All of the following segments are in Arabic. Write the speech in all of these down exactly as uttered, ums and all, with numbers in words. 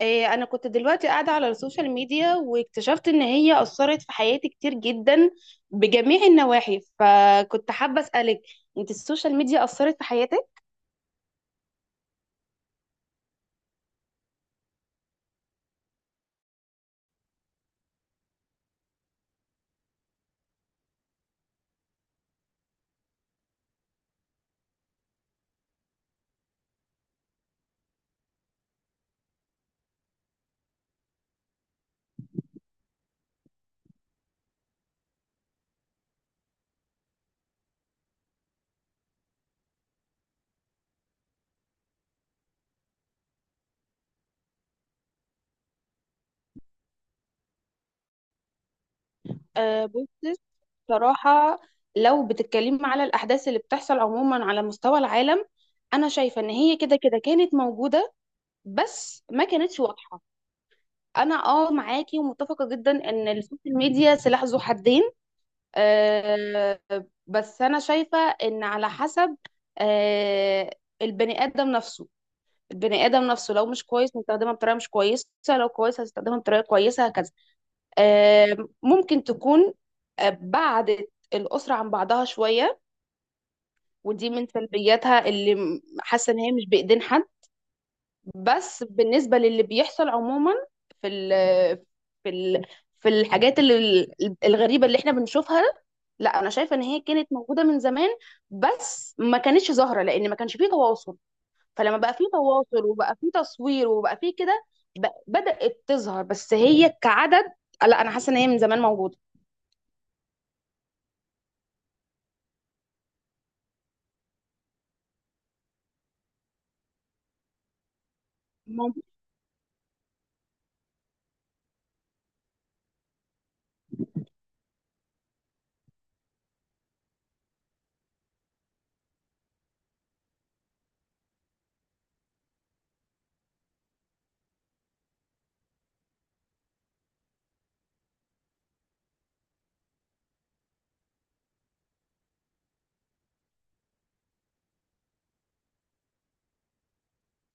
آه، انا كنت دلوقتي قاعده على السوشيال ميديا، واكتشفت ان هي اثرت في حياتي كتير جدا بجميع النواحي، فكنت حابه اسالك: انت السوشيال ميديا اثرت في حياتك؟ أه، بصي. بصراحه، لو بتتكلمي على الاحداث اللي بتحصل عموما على مستوى العالم، انا شايفه ان هي كده كده كانت موجوده، بس ما كانتش واضحه. انا اه معاكي ومتفقه جدا ان السوشيال ميديا سلاح ذو حدين. آه، بس انا شايفه ان على حسب آه، البني ادم نفسه. البني ادم نفسه لو مش كويس هستخدمها بطريقه مش كويسه، لو كويس هستخدمها بطريقه كويسه هكذا. آه، ممكن تكون آه، بعدت الاسره عن بعضها شويه، ودي من سلبياتها اللي م- حاسه ان هي مش بايدين حد. بس بالنسبه للي بيحصل عموما، في ال في ال في الحاجات اللي الغريبه اللي احنا بنشوفها، لا انا شايفه ان هي كانت موجوده من زمان، بس ما كانتش ظاهره لان ما كانش فيه تواصل. فلما بقى فيه تواصل، وبقى فيه تصوير، وبقى فيه كده، ب- بدأت تظهر، بس هي كعدد. لا انا حاسه ان هي من زمان موجوده. ممكن.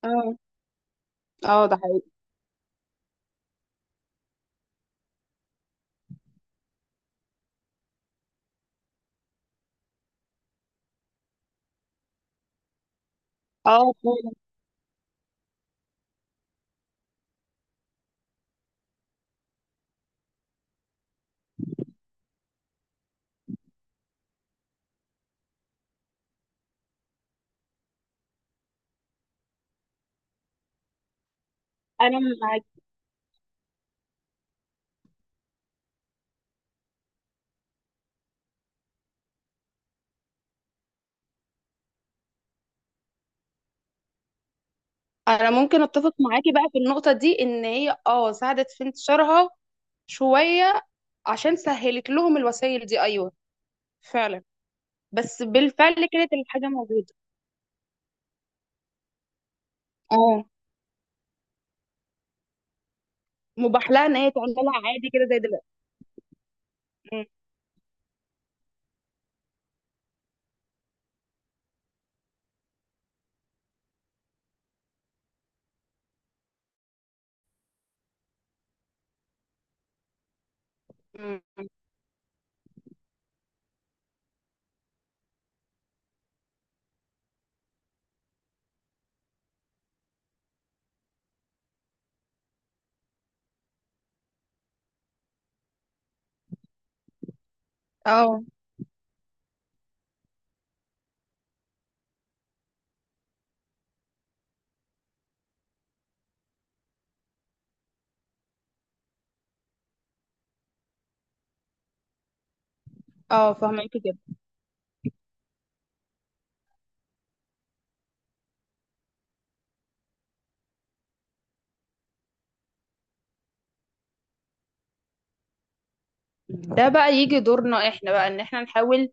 اه. اه، ده حقيقي. اه فعلا. انا معاكي. انا ممكن اتفق معاكي بقى في النقطه دي، ان هي اه ساعدت في انتشارها شويه، عشان سهلت لهم الوسائل دي. ايوه، فعلا، بس بالفعل كانت الحاجه موجوده. اه، مباح لها ان هي تعملها عادي كده زي دلوقتي. م- م- اه. اه، فهماكي كده. ده بقى يجي دورنا احنا بقى، ان احنا نحاول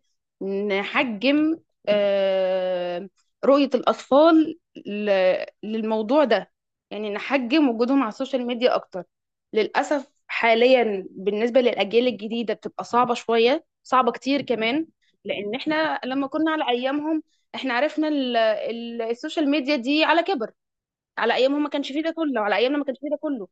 نحجم آه، رؤية الاطفال ل- للموضوع ده. يعني نحجم وجودهم على السوشيال ميديا اكتر. للاسف حاليا بالنسبة للاجيال الجديدة بتبقى صعبة شوية، صعبة كتير كمان، لان احنا لما كنا على ايامهم، احنا عرفنا ال- ال- السوشيال ميديا دي على كبر. على ايامهم ما كانش فيه ده كله، على ايامنا ما كانش فيه ده كله.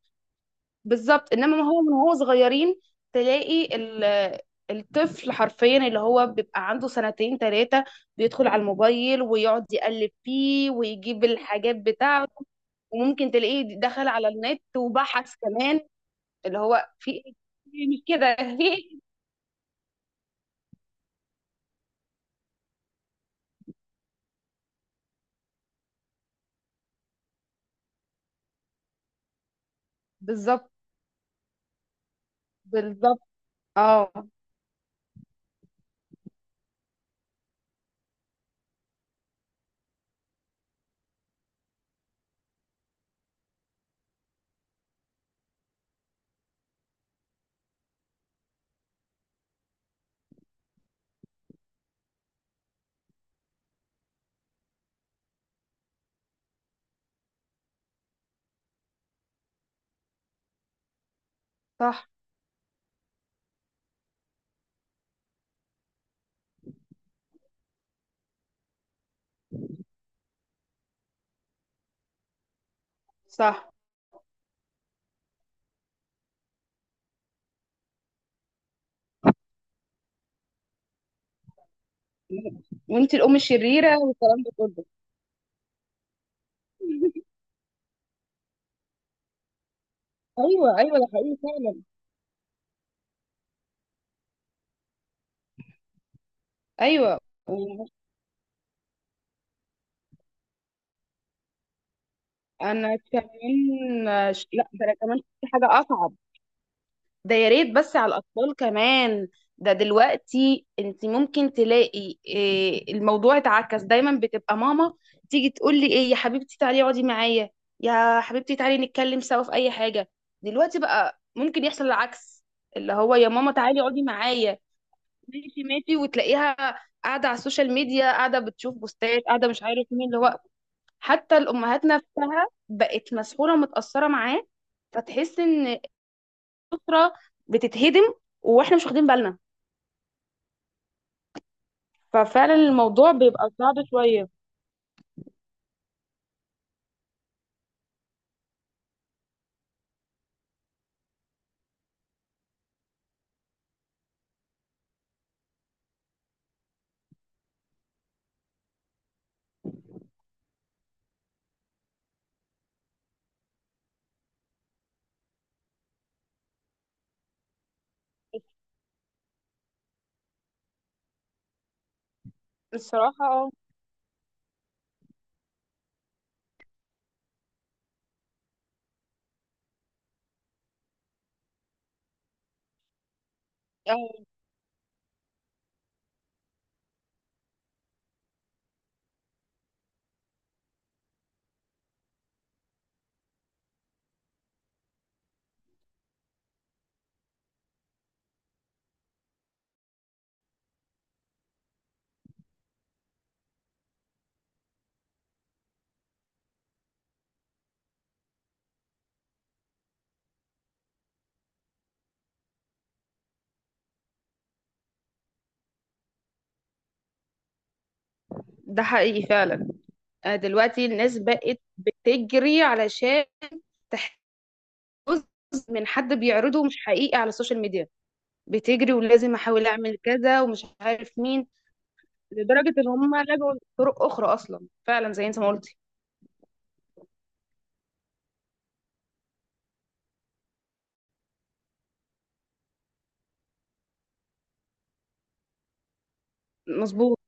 بالظبط، انما ما هو من هو صغيرين تلاقي ال- الطفل حرفيا اللي هو بيبقى عنده سنتين ثلاثة بيدخل على الموبايل، ويقعد يقلب فيه، ويجيب الحاجات بتاعته. وممكن تلاقيه دخل على النت وبحث كمان اللي هو في إيه؟ في إيه؟ مش كده؟ في إيه؟ بالظبط. بالظبط. اه. صح. صح. وانت الام الشريره والكلام ده كله. ايوه، ايوه، ده حقيقي فعلا. ايوه. انا كمان، ش- لا ده انا كمان في حاجه اصعب. ده يا ريت بس على الاطفال كمان. ده دلوقتي انت ممكن تلاقي إيه، الموضوع اتعكس. دايما بتبقى ماما تيجي تقول لي: ايه يا حبيبتي، تعالي اقعدي معايا، يا حبيبتي تعالي نتكلم سوا في اي حاجه. دلوقتي بقى ممكن يحصل العكس، اللي هو: يا ماما تعالي اقعدي معايا. ماشي ماشي، وتلاقيها قاعده على السوشيال ميديا، قاعده بتشوف بوستات، قاعده مش عارف مين اللي هو. حتى الأمهات نفسها بقت مسحولة ومتأثرة معاه. فتحس إن الأسرة بتتهدم، وإحنا مش واخدين بالنا. ففعلا الموضوع بيبقى صعب شوية. الصراحة اه. آه، ده حقيقي فعلا. آه، دلوقتي الناس بقت بتجري علشان تحتفظ من حد بيعرضه مش حقيقي على السوشيال ميديا. بتجري، ولازم احاول اعمل كذا ومش عارف مين. لدرجة ان هم لجوا لطرق اخرى اصلا، فعلا زي انت ما قلتي. مظبوط.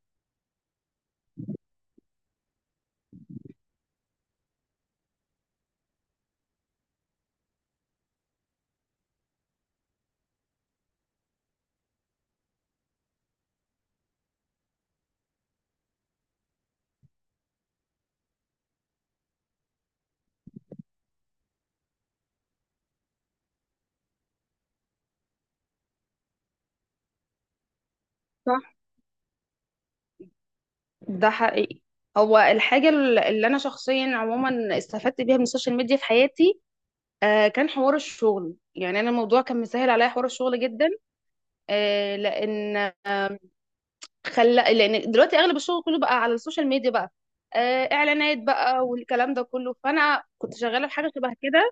ده حقيقي. هو الحاجة الل- اللي أنا شخصيا عموما استفدت بيها من السوشيال ميديا في حياتي آه كان حوار الشغل. يعني أنا الموضوع كان مسهل عليا حوار الشغل جدا، آه، لأن خلى، لأن دلوقتي أغلب الشغل كله بقى على السوشيال ميديا بقى. آه، إعلانات بقى والكلام ده كله، فأنا كنت شغالة في حاجة شبه كده.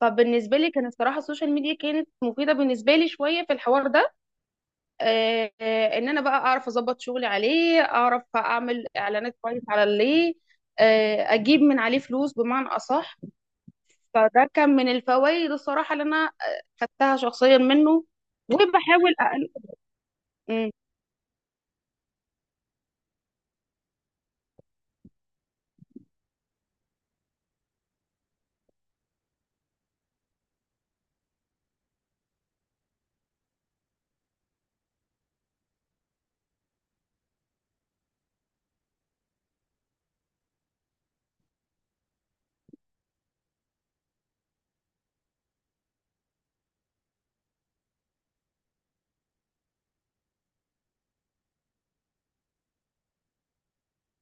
فبالنسبة لي كانت الصراحة السوشيال ميديا كانت مفيدة بالنسبة لي شوية في الحوار ده. آه، آه، ان انا بقى اعرف اظبط شغلي عليه، اعرف اعمل اعلانات كويس على اللي آه، اجيب من عليه فلوس بمعنى اصح. فده كان من الفوائد الصراحه اللي انا آه، خدتها شخصيا منه. وبحاول أقل... مم.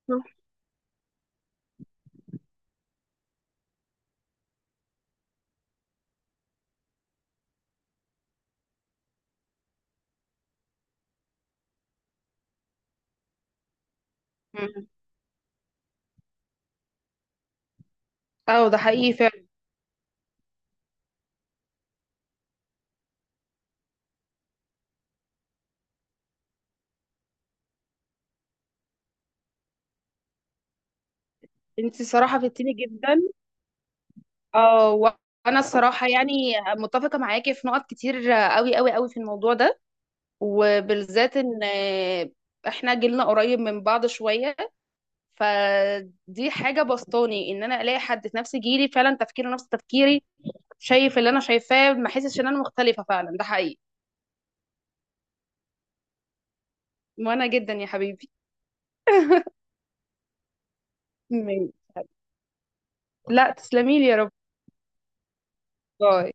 مم. اه ده حقيقي فعلا. انت صراحه فدتيني جدا. اه، وانا الصراحه يعني متفقه معاكي في نقط كتير قوي قوي قوي في الموضوع ده، وبالذات ان آه، احنا جيلنا قريب من بعض شويه. فدي حاجة بسطاني، ان انا الاقي حد في نفس جيلي فعلا تفكيره نفس تفكيري، شايف اللي انا شايفاه، ما احسش ان انا مختلفة. فعلا ده حقيقي. وانا جدا يا حبيبي. مم. لا، تسلمي لي يا رب. باي.